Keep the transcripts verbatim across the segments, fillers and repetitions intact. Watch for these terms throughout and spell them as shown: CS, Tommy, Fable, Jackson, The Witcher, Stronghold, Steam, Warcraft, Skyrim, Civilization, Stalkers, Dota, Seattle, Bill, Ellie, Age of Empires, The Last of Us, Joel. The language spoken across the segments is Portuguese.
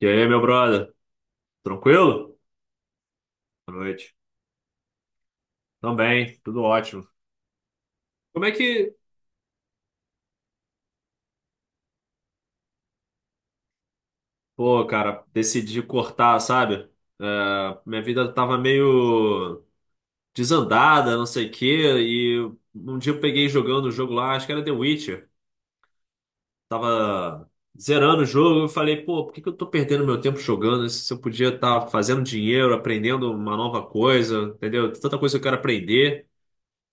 E aí, meu brother? Tranquilo? Boa noite. Também, tudo ótimo. Como é que, pô, cara, decidi cortar, sabe? É, minha vida tava meio desandada, não sei o quê, e um dia eu peguei jogando o jogo lá, acho que era The Witcher. Tava zerando o jogo, eu falei, pô, por que que eu tô perdendo meu tempo jogando? Se eu podia estar fazendo dinheiro, aprendendo uma nova coisa, entendeu? Tanta coisa que eu quero aprender.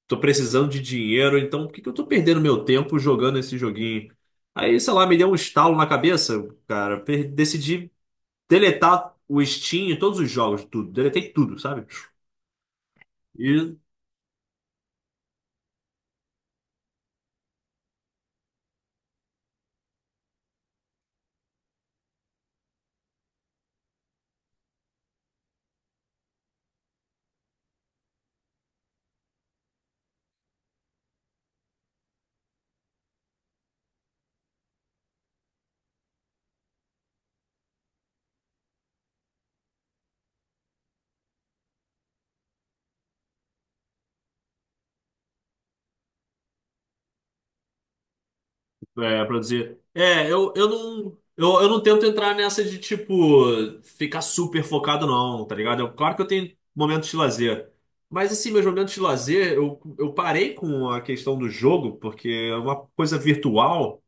Tô precisando de dinheiro, então por que que eu tô perdendo meu tempo jogando esse joguinho? Aí, sei lá, me deu um estalo na cabeça, cara. per- Decidi deletar o Steam, e todos os jogos, tudo. Deletei tudo, sabe? E, é, pra dizer. É, eu, eu não. Eu, eu não tento entrar nessa de, tipo, ficar super focado, não, tá ligado? Eu, claro que eu tenho momentos de lazer. Mas, assim, meus momentos de lazer, eu, eu parei com a questão do jogo, porque é uma coisa virtual.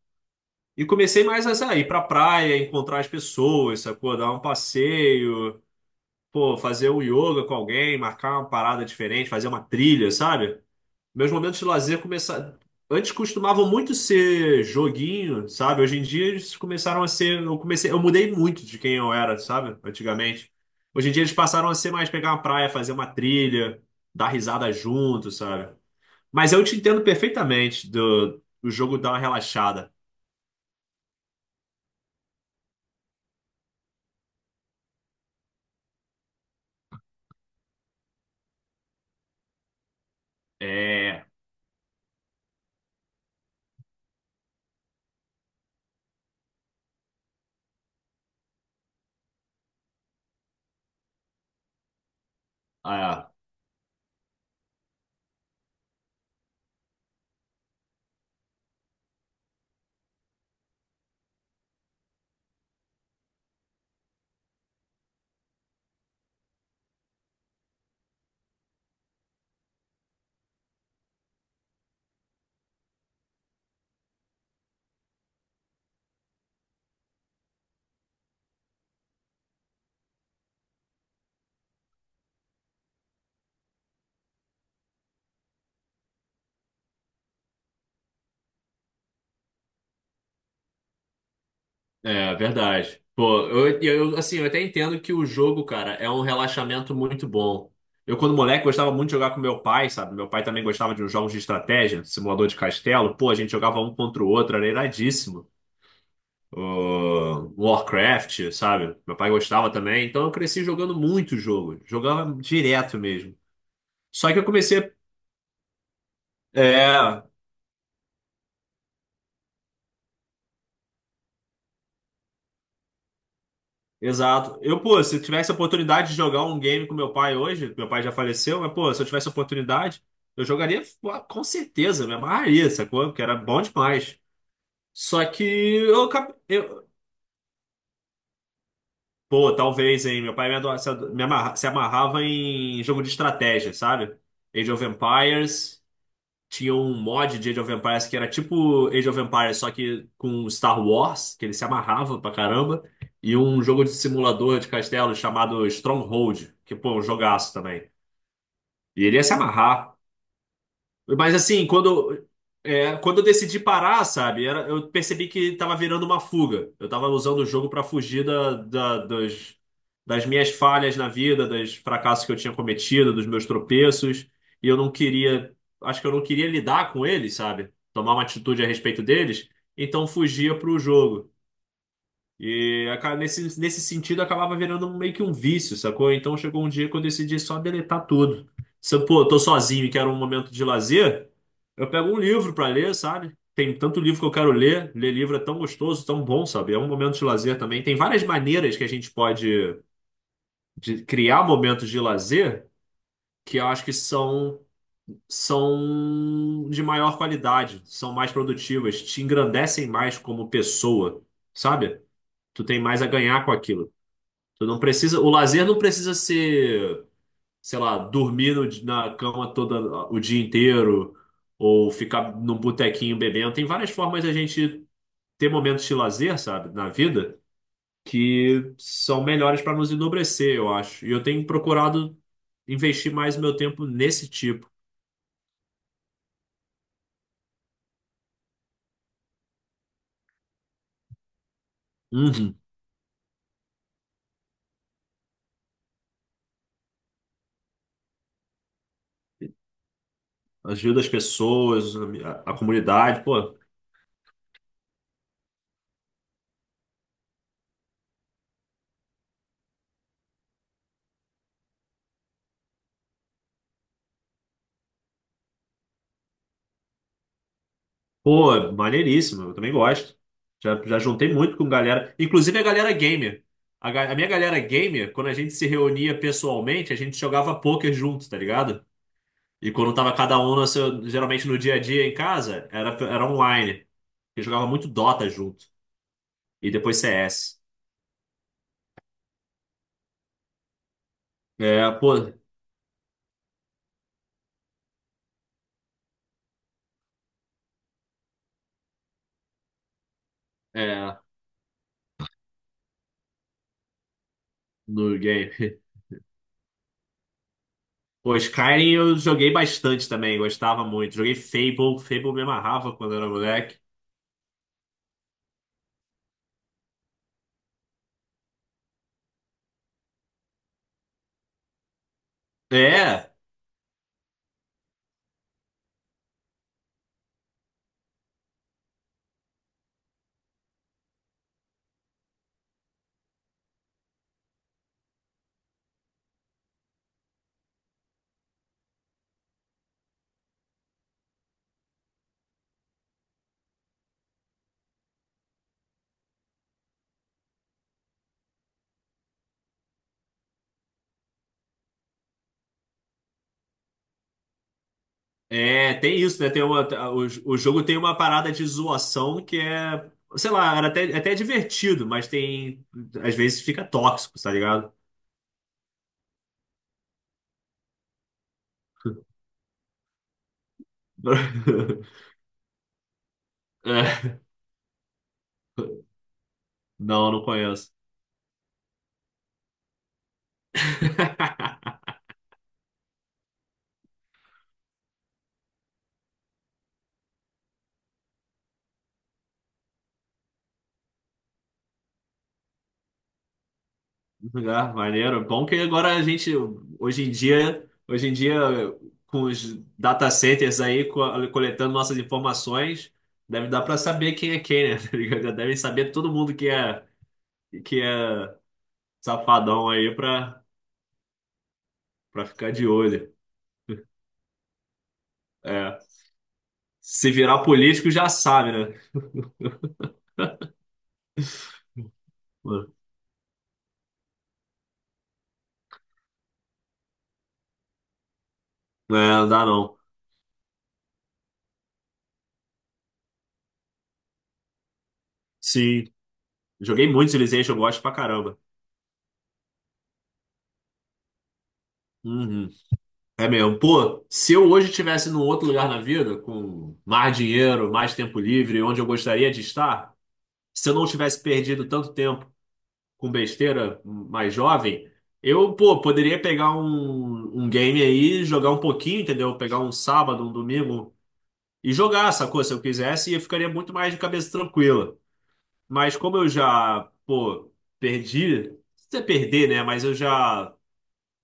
E comecei mais a sair pra praia, encontrar as pessoas, sacou? Dar um passeio, pô, fazer um yoga com alguém, marcar uma parada diferente, fazer uma trilha, sabe? Meus momentos de lazer começaram. Antes costumavam muito ser joguinho, sabe? Hoje em dia eles começaram a ser. Eu comecei, eu mudei muito de quem eu era, sabe? Antigamente. Hoje em dia eles passaram a ser mais pegar uma praia, fazer uma trilha, dar risada junto, sabe? Mas eu te entendo perfeitamente do, do jogo dar uma relaxada. É. É. É, verdade. Pô, eu, eu, assim, eu até entendo que o jogo, cara, é um relaxamento muito bom. Eu, quando moleque, gostava muito de jogar com meu pai, sabe? Meu pai também gostava de uns jogos de estratégia, simulador de castelo. Pô, a gente jogava um contra o outro, era iradíssimo. Ô, Warcraft, sabe? Meu pai gostava também. Então eu cresci jogando muito jogo. Jogava direto mesmo. Só que eu comecei. É. Exato. Eu, pô, se eu tivesse a oportunidade de jogar um game com meu pai hoje, meu pai já faleceu, mas, pô, se eu tivesse a oportunidade, eu jogaria pô, com certeza, me amarraria, sacou? Porque era bom demais. Só que eu, acabei- eu pô, talvez, hein? Meu pai me, ado- se ado- me amarra- se amarrava em jogo de estratégia, sabe? Age of Empires. Tinha um mod de Age of Empires que era tipo Age of Empires, só que com Star Wars, que ele se amarrava pra caramba. E um jogo de simulador de castelo chamado Stronghold, que, pô, é um jogaço também. E ele ia se amarrar. Mas assim, quando, é, quando eu decidi parar, sabe, era- eu percebi que tava virando uma fuga. Eu tava usando o jogo para fugir da, da- das, das minhas falhas na vida, dos fracassos que eu tinha cometido, dos meus tropeços. E eu não queria, acho que eu não queria lidar com eles, sabe? Tomar uma atitude a respeito deles. Então fugia pro jogo. E aca- nesse, nesse sentido acabava virando meio que um vício, sacou? Então chegou um dia que eu decidi só deletar tudo. Se eu, pô, tô sozinho e quero um momento de lazer, eu pego um livro pra ler, sabe? Tem tanto livro que eu quero ler, ler livro é tão gostoso, tão bom, sabe? É um momento de lazer também. Tem várias maneiras que a gente pode de criar momentos de lazer que eu acho que são, são de maior qualidade, são mais produtivas, te engrandecem mais como pessoa, sabe? Tu tem mais a ganhar com aquilo. Tu não precisa, o lazer não precisa ser, sei lá, dormir no di- na cama toda o dia inteiro ou ficar num botequinho bebendo. Tem várias formas de a gente ter momentos de lazer, sabe, na vida que são melhores para nos enobrecer, eu acho. E eu tenho procurado investir mais meu tempo nesse tipo. Uhum. Ajuda as pessoas, a, a comunidade, pô. Pô, maneiríssimo, eu também gosto. Já, já juntei muito com galera, inclusive a galera gamer. A, ga- a minha galera gamer, quando a gente se reunia pessoalmente, a gente jogava poker junto, tá ligado? E quando tava cada um, no seu- geralmente no dia a dia em casa, era, era online. Eu jogava muito Dota junto. E depois C S. É, pô, é, no game. Pô, Skyrim eu joguei bastante também, gostava muito. Joguei Fable, Fable me amarrava quando era moleque. É, É, tem isso, né? Tem uma, o, o jogo tem uma parada de zoação que é, sei lá, era até, até divertido, mas tem, às vezes fica tóxico, tá ligado? É, não, não conheço. Ah, maneiro. Bom que agora a gente, hoje em dia, hoje em dia, com os data centers aí co- coletando nossas informações, deve dar para saber quem é quem, né? Tá ligado? Já devem saber todo mundo que é, que é safadão aí para pra ficar de olho. É. Se virar político, já sabe, né? É, não dá não. Sim. Joguei muito Civilization, eu gosto pra caramba. Uhum. É mesmo. Pô, se eu hoje estivesse num outro lugar na vida, com mais dinheiro, mais tempo livre, onde eu gostaria de estar, se eu não tivesse perdido tanto tempo com besteira mais jovem, eu, pô, poderia pegar um, um game aí, jogar um pouquinho, entendeu? Pegar um sábado, um domingo e jogar, sacou? Se eu quisesse, e eu ficaria muito mais de cabeça tranquila. Mas como eu já, pô, perdi, não sei se é perder, né? Mas eu já,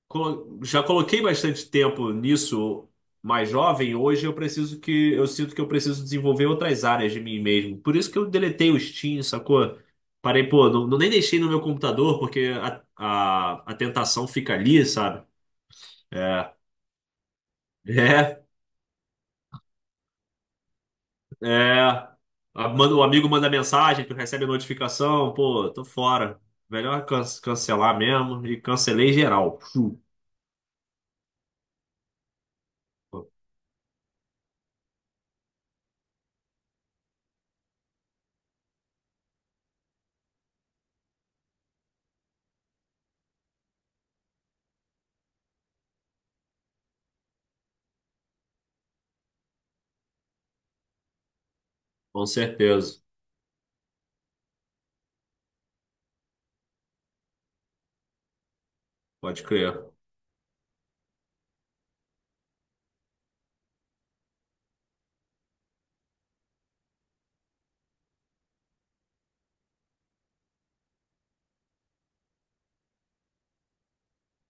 colo- já coloquei bastante tempo nisso mais jovem. Hoje eu preciso que, eu sinto que eu preciso desenvolver outras áreas de mim mesmo. Por isso que eu deletei o Steam, sacou? Parei, pô, não, não nem deixei no meu computador, porque a, a, a tentação fica ali, sabe? É. É, É, a- manda- o amigo manda mensagem, tu recebe a notificação, pô, tô fora. Melhor can- cancelar mesmo e cancelei geral. Chu. Com certeza, pode crer.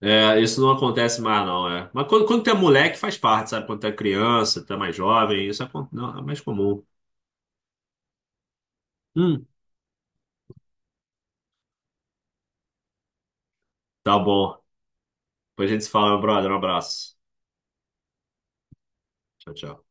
É, isso não acontece mais, não, é. Mas quando, quando tu é moleque, faz parte, sabe? Quando tu é criança, tu é mais jovem, isso é, con- não, é mais comum. Hum, tá bom. Depois a gente se fala, meu brother. Um abraço. Tchau, tchau.